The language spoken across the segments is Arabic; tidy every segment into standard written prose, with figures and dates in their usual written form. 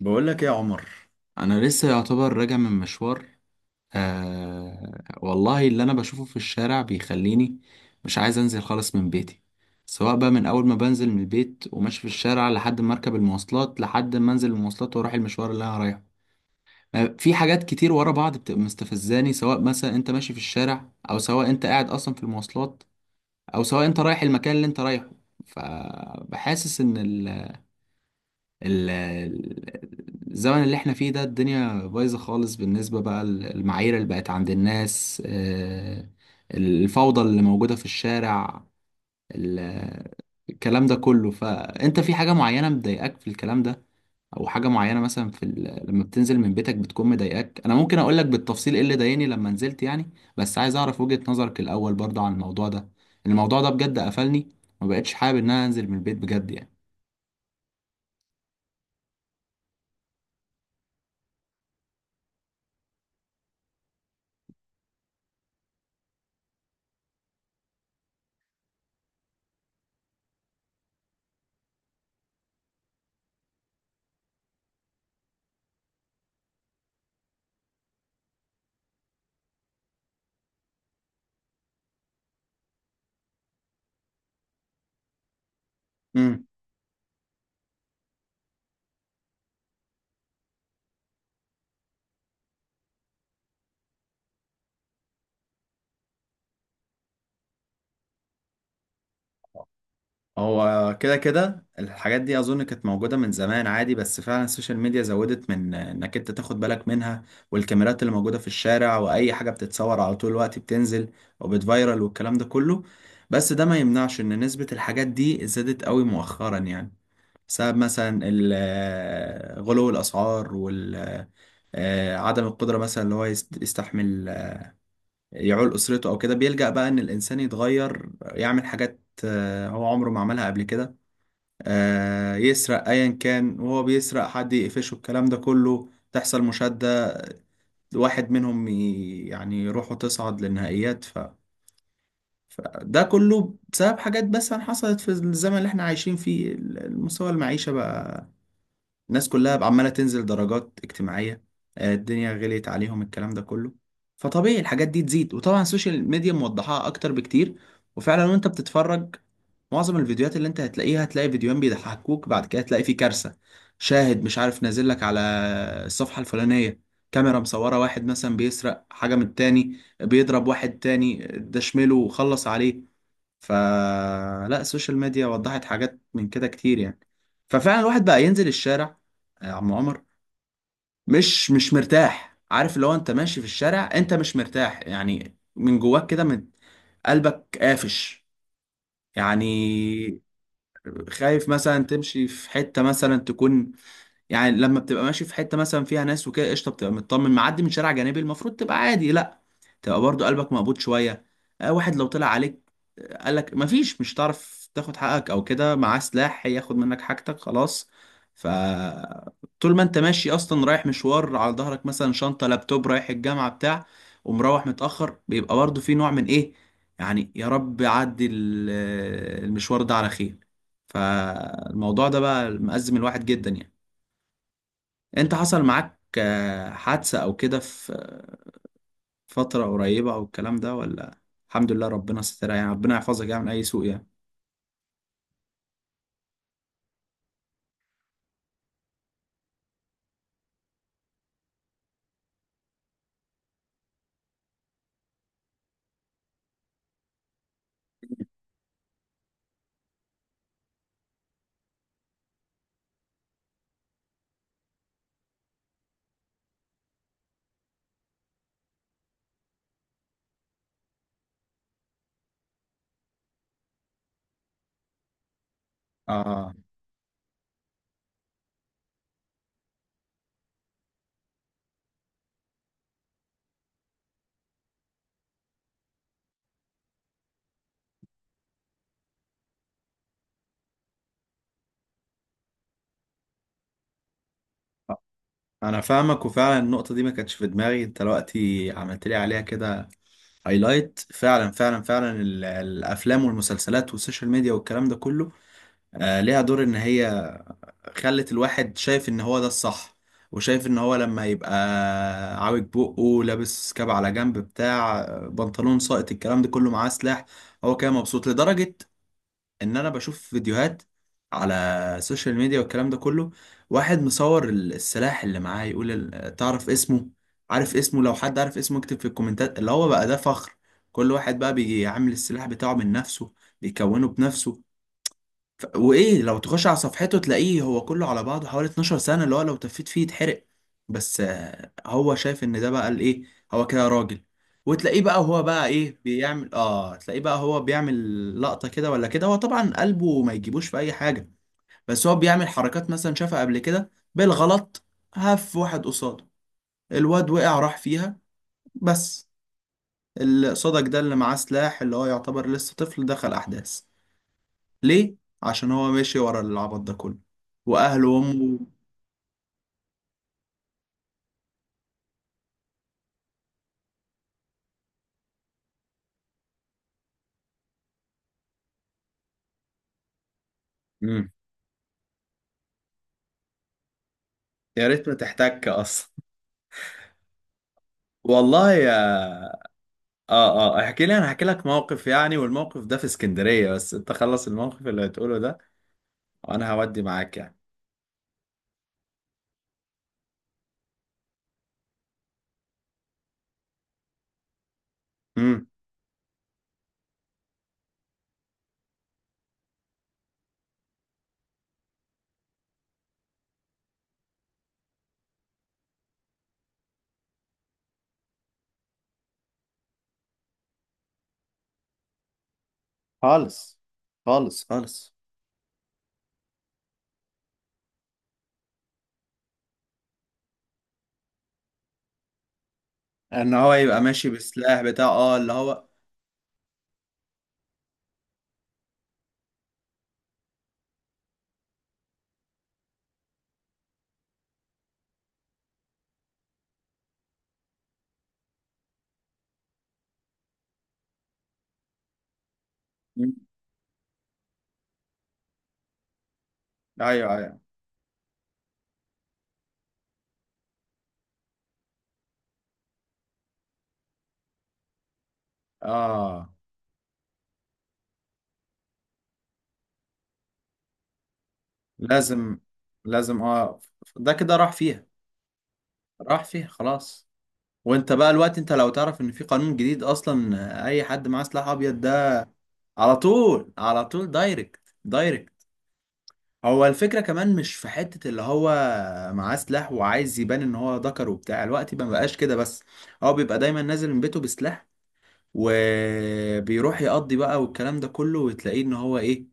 بقول لك ايه يا عمر. انا لسه يعتبر راجع من مشوار. آه والله اللي انا بشوفه في الشارع بيخليني مش عايز انزل خالص من بيتي، سواء بقى من اول ما بنزل من البيت وماشي في الشارع لحد ما اركب المواصلات لحد ما انزل المواصلات واروح المشوار اللي انا رايحه. في حاجات كتير ورا بعض بتبقى مستفزاني، سواء مثلا انت ماشي في الشارع او سواء انت قاعد اصلا في المواصلات او سواء انت رايح المكان اللي انت رايحه. فبحاسس ان الزمن اللي احنا فيه ده الدنيا بايظة خالص بالنسبة بقى للمعايير اللي بقت عند الناس. الفوضى اللي موجودة في الشارع، ال- الكلام ده كله. فأنت في حاجة معينة مضايقاك في الكلام ده، أو حاجة معينة مثلا لما بتنزل من بيتك بتكون مضايقاك. أنا ممكن أقولك بالتفصيل إيه اللي ضايقني لما نزلت يعني، بس عايز أعرف وجهة نظرك الأول برضه عن الموضوع ده. الموضوع ده بجد قفلني، ما بقتش حابب إن أنا أنزل من البيت بجد. يعني هو كده كده الحاجات دي اظن كانت موجوده من زمان عادي، بس فعلا السوشيال ميديا زودت من انك انت تاخد بالك منها. والكاميرات اللي موجوده في الشارع واي حاجه بتتصور على طول الوقت بتنزل وبتفايرل والكلام ده كله. بس ده ما يمنعش ان نسبه الحاجات دي زادت قوي مؤخرا يعني، بسبب مثلا غلو الاسعار وال، عدم القدره مثلا اللي هو يستحمل يعول اسرته او كده، بيلجأ بقى ان الانسان يتغير يعمل حاجات هو عمره ما عملها قبل كده. يسرق ايا كان، وهو بيسرق حد يقفشه الكلام ده كله تحصل مشادة، واحد منهم يعني روحه تصعد للنهائيات فده كله بسبب حاجات بس حصلت في الزمن اللي احنا عايشين فيه. مستوى المعيشة بقى، الناس كلها بقى عمالة تنزل درجات اجتماعية. الدنيا غليت عليهم الكلام ده كله، فطبيعي الحاجات دي تزيد. وطبعا السوشيال ميديا موضحاها اكتر بكتير. وفعلا وانت بتتفرج معظم الفيديوهات اللي انت هتلاقيها، هتلاقي فيديوهين بيضحكوك بعد كده هتلاقي فيه كارثة. شاهد مش عارف نازل لك على الصفحة الفلانية، كاميرا مصورة واحد مثلا بيسرق حاجة من التاني، بيضرب واحد تاني ده شمله وخلص عليه. فلا، السوشيال ميديا وضحت حاجات من كده كتير يعني. ففعلا الواحد بقى ينزل الشارع يا عم عمر مش مرتاح، عارف اللي هو انت ماشي في الشارع انت مش مرتاح يعني، من جواك كده من قلبك قافش يعني. خايف مثلا تمشي في حتة مثلا تكون، يعني لما بتبقى ماشي في حته مثلا فيها ناس وكده قشطه بتبقى مطمن، معدي من شارع جانبي المفروض تبقى عادي، لا، تبقى برضو قلبك مقبوض شويه. آه، واحد لو طلع عليك قالك مفيش، مش هتعرف تاخد حقك او كده، معاه سلاح هياخد منك حاجتك خلاص. ف، طول ما انت ماشي اصلا رايح مشوار، على ظهرك مثلا شنطه لابتوب رايح الجامعه بتاع، ومروح متاخر، بيبقى برضو في نوع من ايه، يعني يا رب عدي المشوار ده على خير. فالموضوع ده بقى مأزم الواحد جدا يعني. انت حصل معاك حادثة او كده في فترة قريبة او الكلام ده ولا؟ الحمد لله ربنا سترها يعني، ربنا يحفظك يعني من اي سوء يعني. اه انا فاهمك، وفعلا النقطة دي ما كانتش في دماغي انت دلوقتي عملت لي عليها كده هايلايت. فعلا فعلا فعلا الافلام والمسلسلات والسوشيال ميديا والكلام ده كله آه ليها دور ان هي خلت الواحد شايف ان هو ده الصح. وشايف ان هو لما يبقى عاوج بقه لابس كاب على جنب بتاع، بنطلون ساقط الكلام ده كله معاه سلاح هو كده مبسوط لدرجة. ان انا بشوف فيديوهات على السوشيال ميديا والكلام ده كله، واحد مصور السلاح اللي معاه يقول تعرف اسمه، عارف اسمه لو حد عارف اسمه اكتب في الكومنتات، اللي هو بقى ده فخر. كل واحد بقى بيجي عامل السلاح بتاعه من نفسه، بيكونه بنفسه. وايه لو تخش على صفحته تلاقيه هو كله على بعضه حوالي 12 سنة، اللي هو لو تفيت فيه يتحرق. بس هو شايف ان ده بقى الايه، هو كده راجل. وتلاقيه بقى وهو بقى ايه بيعمل، اه تلاقيه بقى هو بيعمل لقطة كده ولا كده، هو طبعا قلبه ما يجيبوش في اي حاجة. بس هو بيعمل حركات مثلا شافها قبل كده بالغلط، هف واحد قصاده الواد وقع راح فيها. بس اللي قصادك ده اللي معاه سلاح اللي هو يعتبر لسه طفل دخل احداث، ليه؟ عشان هو ماشي ورا العبط ده كله، واهله وامه. امم يا ريت ما تحتك اصلا. والله يا، اه اه احكي لي، انا هحكي لك موقف يعني، والموقف ده في اسكندرية، بس انت خلص الموقف اللي هتقوله ده وانا هودي معاك يعني. امم خالص خالص خالص. ان هو يبقى ماشي بالسلاح بتاعه اه اللي هو. مم. ايوه ايوه. اه لازم، لازم اه، ده كده راح فيها. راح فيها خلاص. وانت بقى الوقت، انت لو تعرف ان في قانون جديد اصلا اي حد معاه سلاح ابيض ده، على طول على طول دايركت دايركت. هو الفكرة كمان مش في حتة اللي هو معاه سلاح وعايز يبان ان هو ذكر وبتاع، الوقت ما بقاش كده بس، هو بيبقى دايما نازل من بيته بسلاح وبيروح يقضي بقى والكلام ده كله. وتلاقيه ان هو ايه،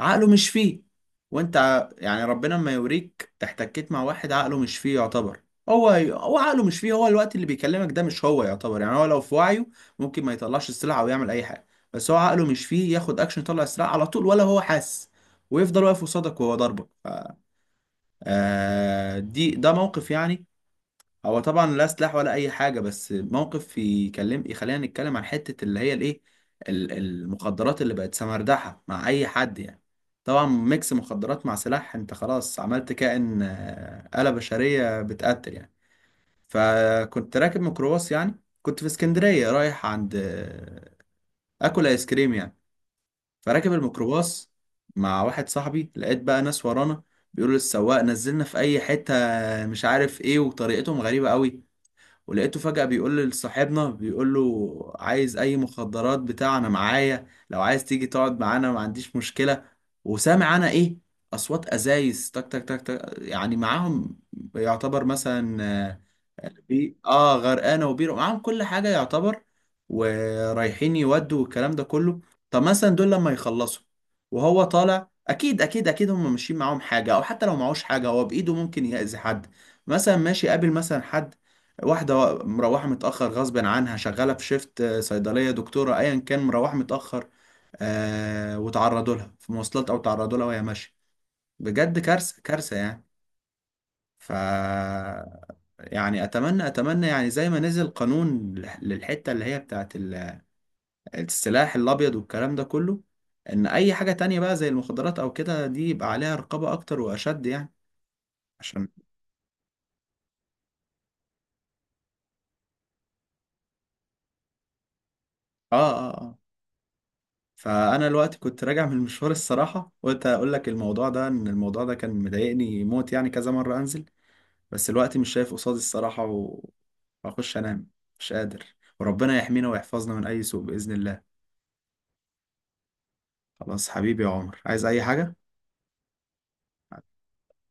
عقله مش فيه. وانت يعني ربنا ما يوريك احتكيت مع واحد عقله مش فيه يعتبر، هو عقله مش فيه، هو الوقت اللي بيكلمك ده مش هو يعتبر يعني. هو لو في وعيه ممكن ما يطلعش السلعة او يعمل اي حاجة، بس هو عقله مش فيه ياخد اكشن يطلع السلعة على طول، ولا هو حاسس، ويفضل واقف قصادك وهو ضربك آه دي ده موقف يعني، هو طبعا لا سلاح ولا اي حاجه، بس موقف يكلم يخلينا نتكلم عن حته اللي هي الايه، المخدرات اللي بقت سمردحه مع اي حد يعني. طبعا ميكس مخدرات مع سلاح انت خلاص عملت كائن، آلة بشريه بتقتل يعني. فكنت راكب ميكروباص يعني، كنت في اسكندريه رايح عند اكل ايس كريم يعني. فراكب الميكروباص مع واحد صاحبي، لقيت بقى ناس ورانا بيقولوا للسواق نزلنا في اي حته مش عارف ايه، وطريقتهم غريبه قوي. ولقيته فجأة بيقول لصاحبنا، بيقول له عايز أي مخدرات بتاع؟ أنا معايا لو عايز تيجي تقعد معانا ما عنديش مشكلة. وسامع أنا إيه؟ أصوات أزايز تك تك تك تك يعني، معاهم يعتبر مثلا، يعني بي اه غرقانه، وبير معاهم كل حاجه يعتبر. ورايحين يودوا والكلام ده كله. طب مثلا دول لما يخلصوا وهو طالع، اكيد اكيد اكيد هم ماشيين معاهم حاجه، او حتى لو معهوش حاجه هو بايده ممكن يأذي حد. مثلا ماشي قابل مثلا حد، واحده مروحه متاخر غصب عنها، شغاله في شيفت صيدليه دكتوره ايا كان مروحه متاخر، وتعرضوا لها في مواصلات او تعرضوا لها وهي ماشيه. بجد كارثه كارثه يعني. ف، يعني اتمنى اتمنى يعني زي ما نزل قانون للحته اللي هي بتاعت السلاح الابيض والكلام ده كله، ان اي حاجه تانية بقى زي المخدرات او كده دي يبقى عليها رقابه اكتر واشد يعني. عشان، اه اه اه فانا الوقت كنت راجع من المشوار الصراحه، قلت اقول لك الموضوع ده ان الموضوع ده كان مضايقني موت يعني، كذا مره انزل بس الوقت مش شايف قصادي الصراحه واخش انام مش قادر. وربنا يحمينا ويحفظنا من اي سوء باذن الله. خلاص حبيبي يا عمر، عايز اي حاجه؟